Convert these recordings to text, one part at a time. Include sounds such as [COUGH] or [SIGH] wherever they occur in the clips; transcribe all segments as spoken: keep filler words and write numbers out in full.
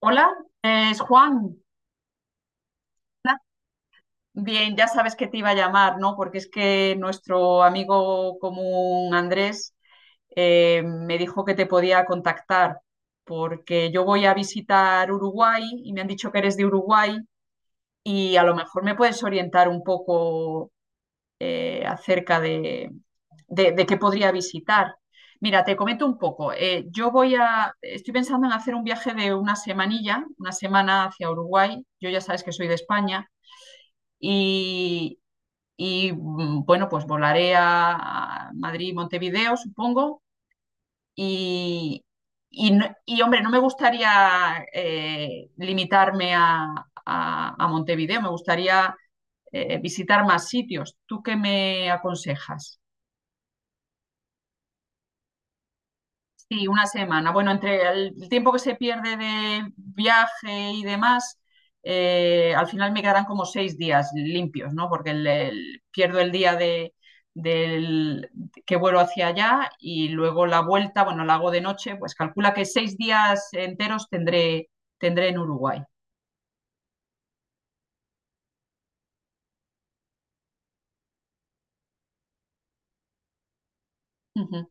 Hola, es Juan. Bien, ya sabes que te iba a llamar, ¿no? Porque es que nuestro amigo común Andrés eh, me dijo que te podía contactar porque yo voy a visitar Uruguay y me han dicho que eres de Uruguay y a lo mejor me puedes orientar un poco eh, acerca de, de, de, qué podría visitar. Mira, te comento un poco. Eh, yo voy a, estoy pensando en hacer un viaje de una semanilla, una semana hacia Uruguay. Yo ya sabes que soy de España y, y mm, bueno, pues volaré a a Madrid, Montevideo, supongo. Y, y, no- y, Hombre, no me gustaría eh, limitarme a, a- a Montevideo, me gustaría eh, visitar más sitios. ¿Tú qué me aconsejas? Sí, una semana. Bueno, entre el tiempo que se pierde de viaje y demás, eh, al final me quedarán como seis días limpios, ¿no? Porque el- el- pierdo el día de, del, que vuelo hacia allá y luego la vuelta, bueno, la hago de noche, pues calcula que seis días enteros tendré, tendré en Uruguay. Ujú.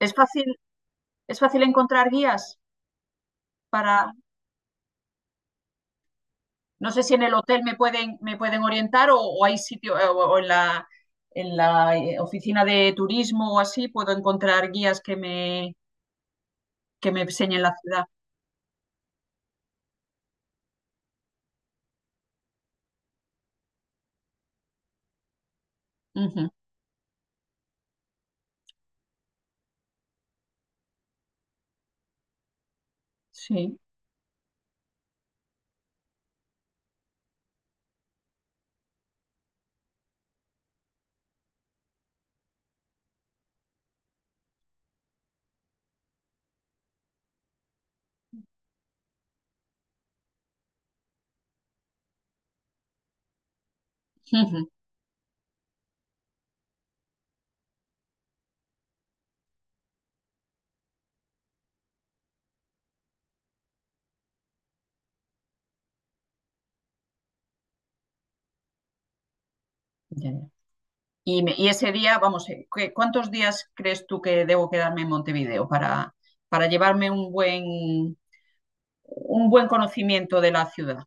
¿Es fácil, es fácil encontrar guías para... No sé si en el hotel me pueden, me pueden orientar o, o hay sitio, eh, o, o en la, en la eh, oficina de turismo o así puedo encontrar guías que me, que me enseñen la ciudad. Ujú, sí. Ujú, ya, ya. Y, me- y ese día, vamos, eh, ¿qué- ¿cuántos días crees tú que debo quedarme en Montevideo para, para llevarme un buen, un buen conocimiento de la ciudad?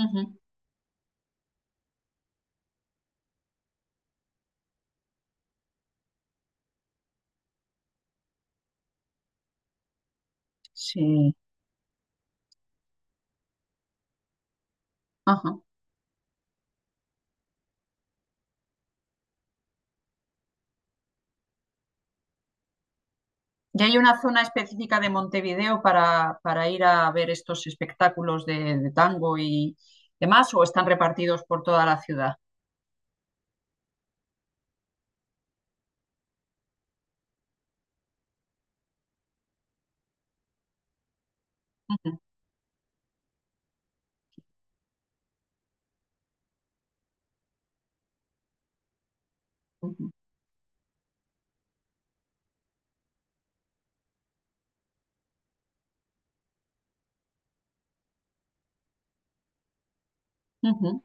Ujú, sí. Ajá. ¿Y hay una zona específica de Montevideo para, para ir a ver estos espectáculos de, de tango y demás, o están repartidos por toda la ciudad? Ujú, ujú, ujú.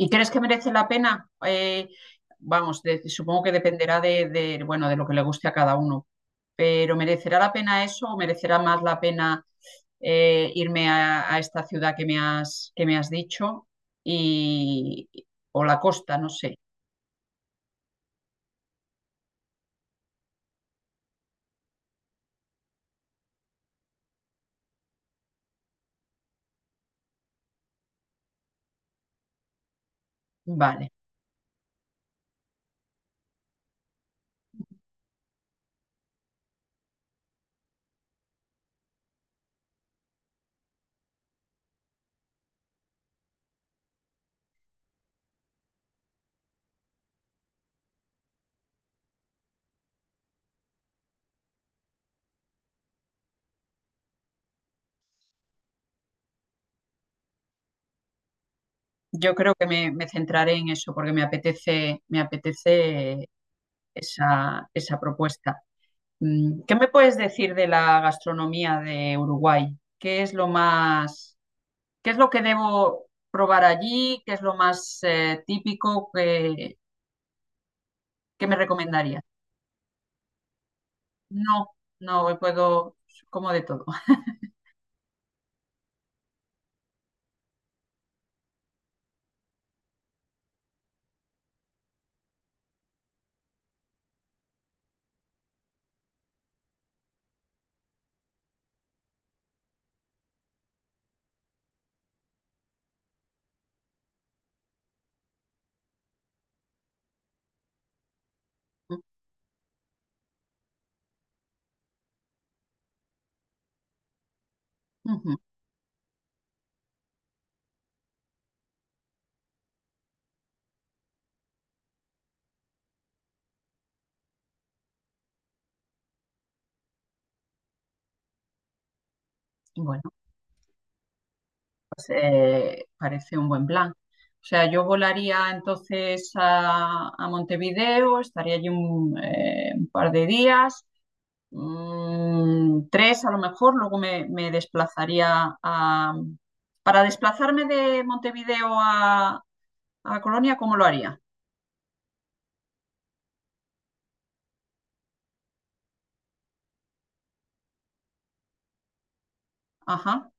¿Y crees que merece la pena? Eh, vamos, de- supongo que dependerá de, de, bueno, de lo que le guste a cada uno, pero ¿merecerá la pena eso o merecerá más la pena eh, irme a, a esta ciudad que me has, que me has dicho y, o la costa, no sé. Vale. Yo creo que me, me centraré en eso porque me apetece, me apetece esa, esa propuesta. Mm, ¿Qué me puedes decir de la gastronomía de Uruguay? ¿Qué es lo más, qué es lo que debo probar allí? ¿Qué es lo más eh, típico que, que me recomendarías? No, no puedo, como de todo. [LAUGHS] Ujú. Bueno, eh, parece un buen plan. O sea, yo volaría entonces a, a Montevideo, estaría allí un, eh, un par de días, mm, tres a lo mejor, luego me, me desplazaría a... Para desplazarme de Montevideo a, a Colonia, ¿cómo lo haría? Ajá.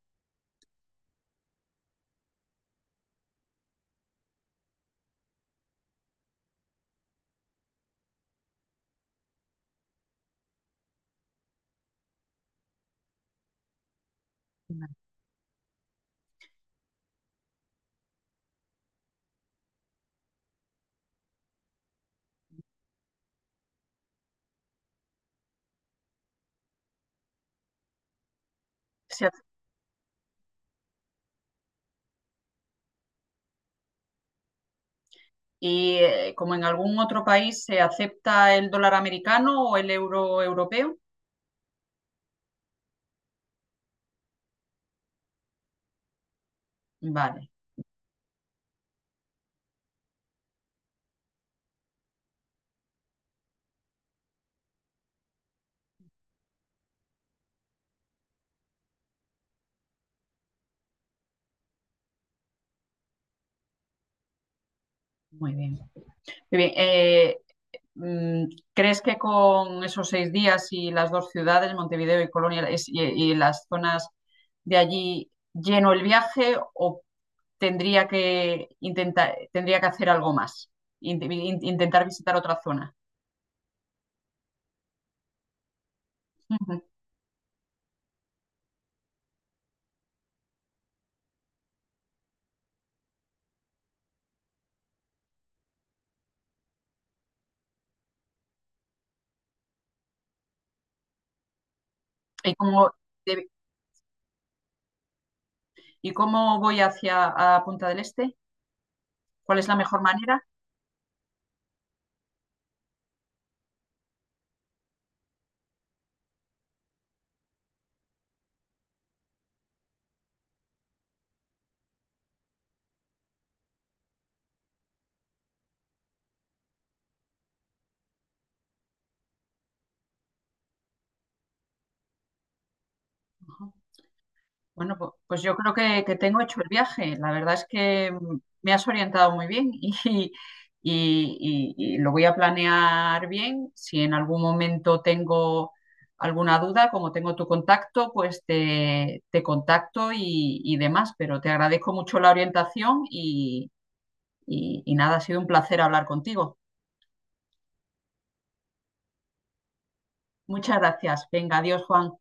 Se ac- y eh, como en algún otro país se acepta el dólar americano o el euro europeo. Vale, muy bien. Muy bien. eh, mm, ¿Crees que con esos seis días y las dos ciudades, Montevideo y Colonia, es- y, y las zonas de allí, lleno el viaje o tendría que intentar, tendría que hacer algo más? Int- in- intentar visitar otra zona. Ujú. ¿Y cómo, de- y cómo voy hacia a Punta del Este? ¿Cuál es la mejor manera? Bueno, pu- pues yo creo que, que tengo hecho el viaje. La verdad es que mm, me has orientado muy bien [LAUGHS] y, y- y- y lo voy a planear bien. Si en algún momento tengo alguna duda, como tengo tu contacto, pues te, te contacto y, y demás. Pero te agradezco mucho la orientación y, y y nada, ha sido un placer hablar contigo. Muchas gracias. Venga, adiós, Juan.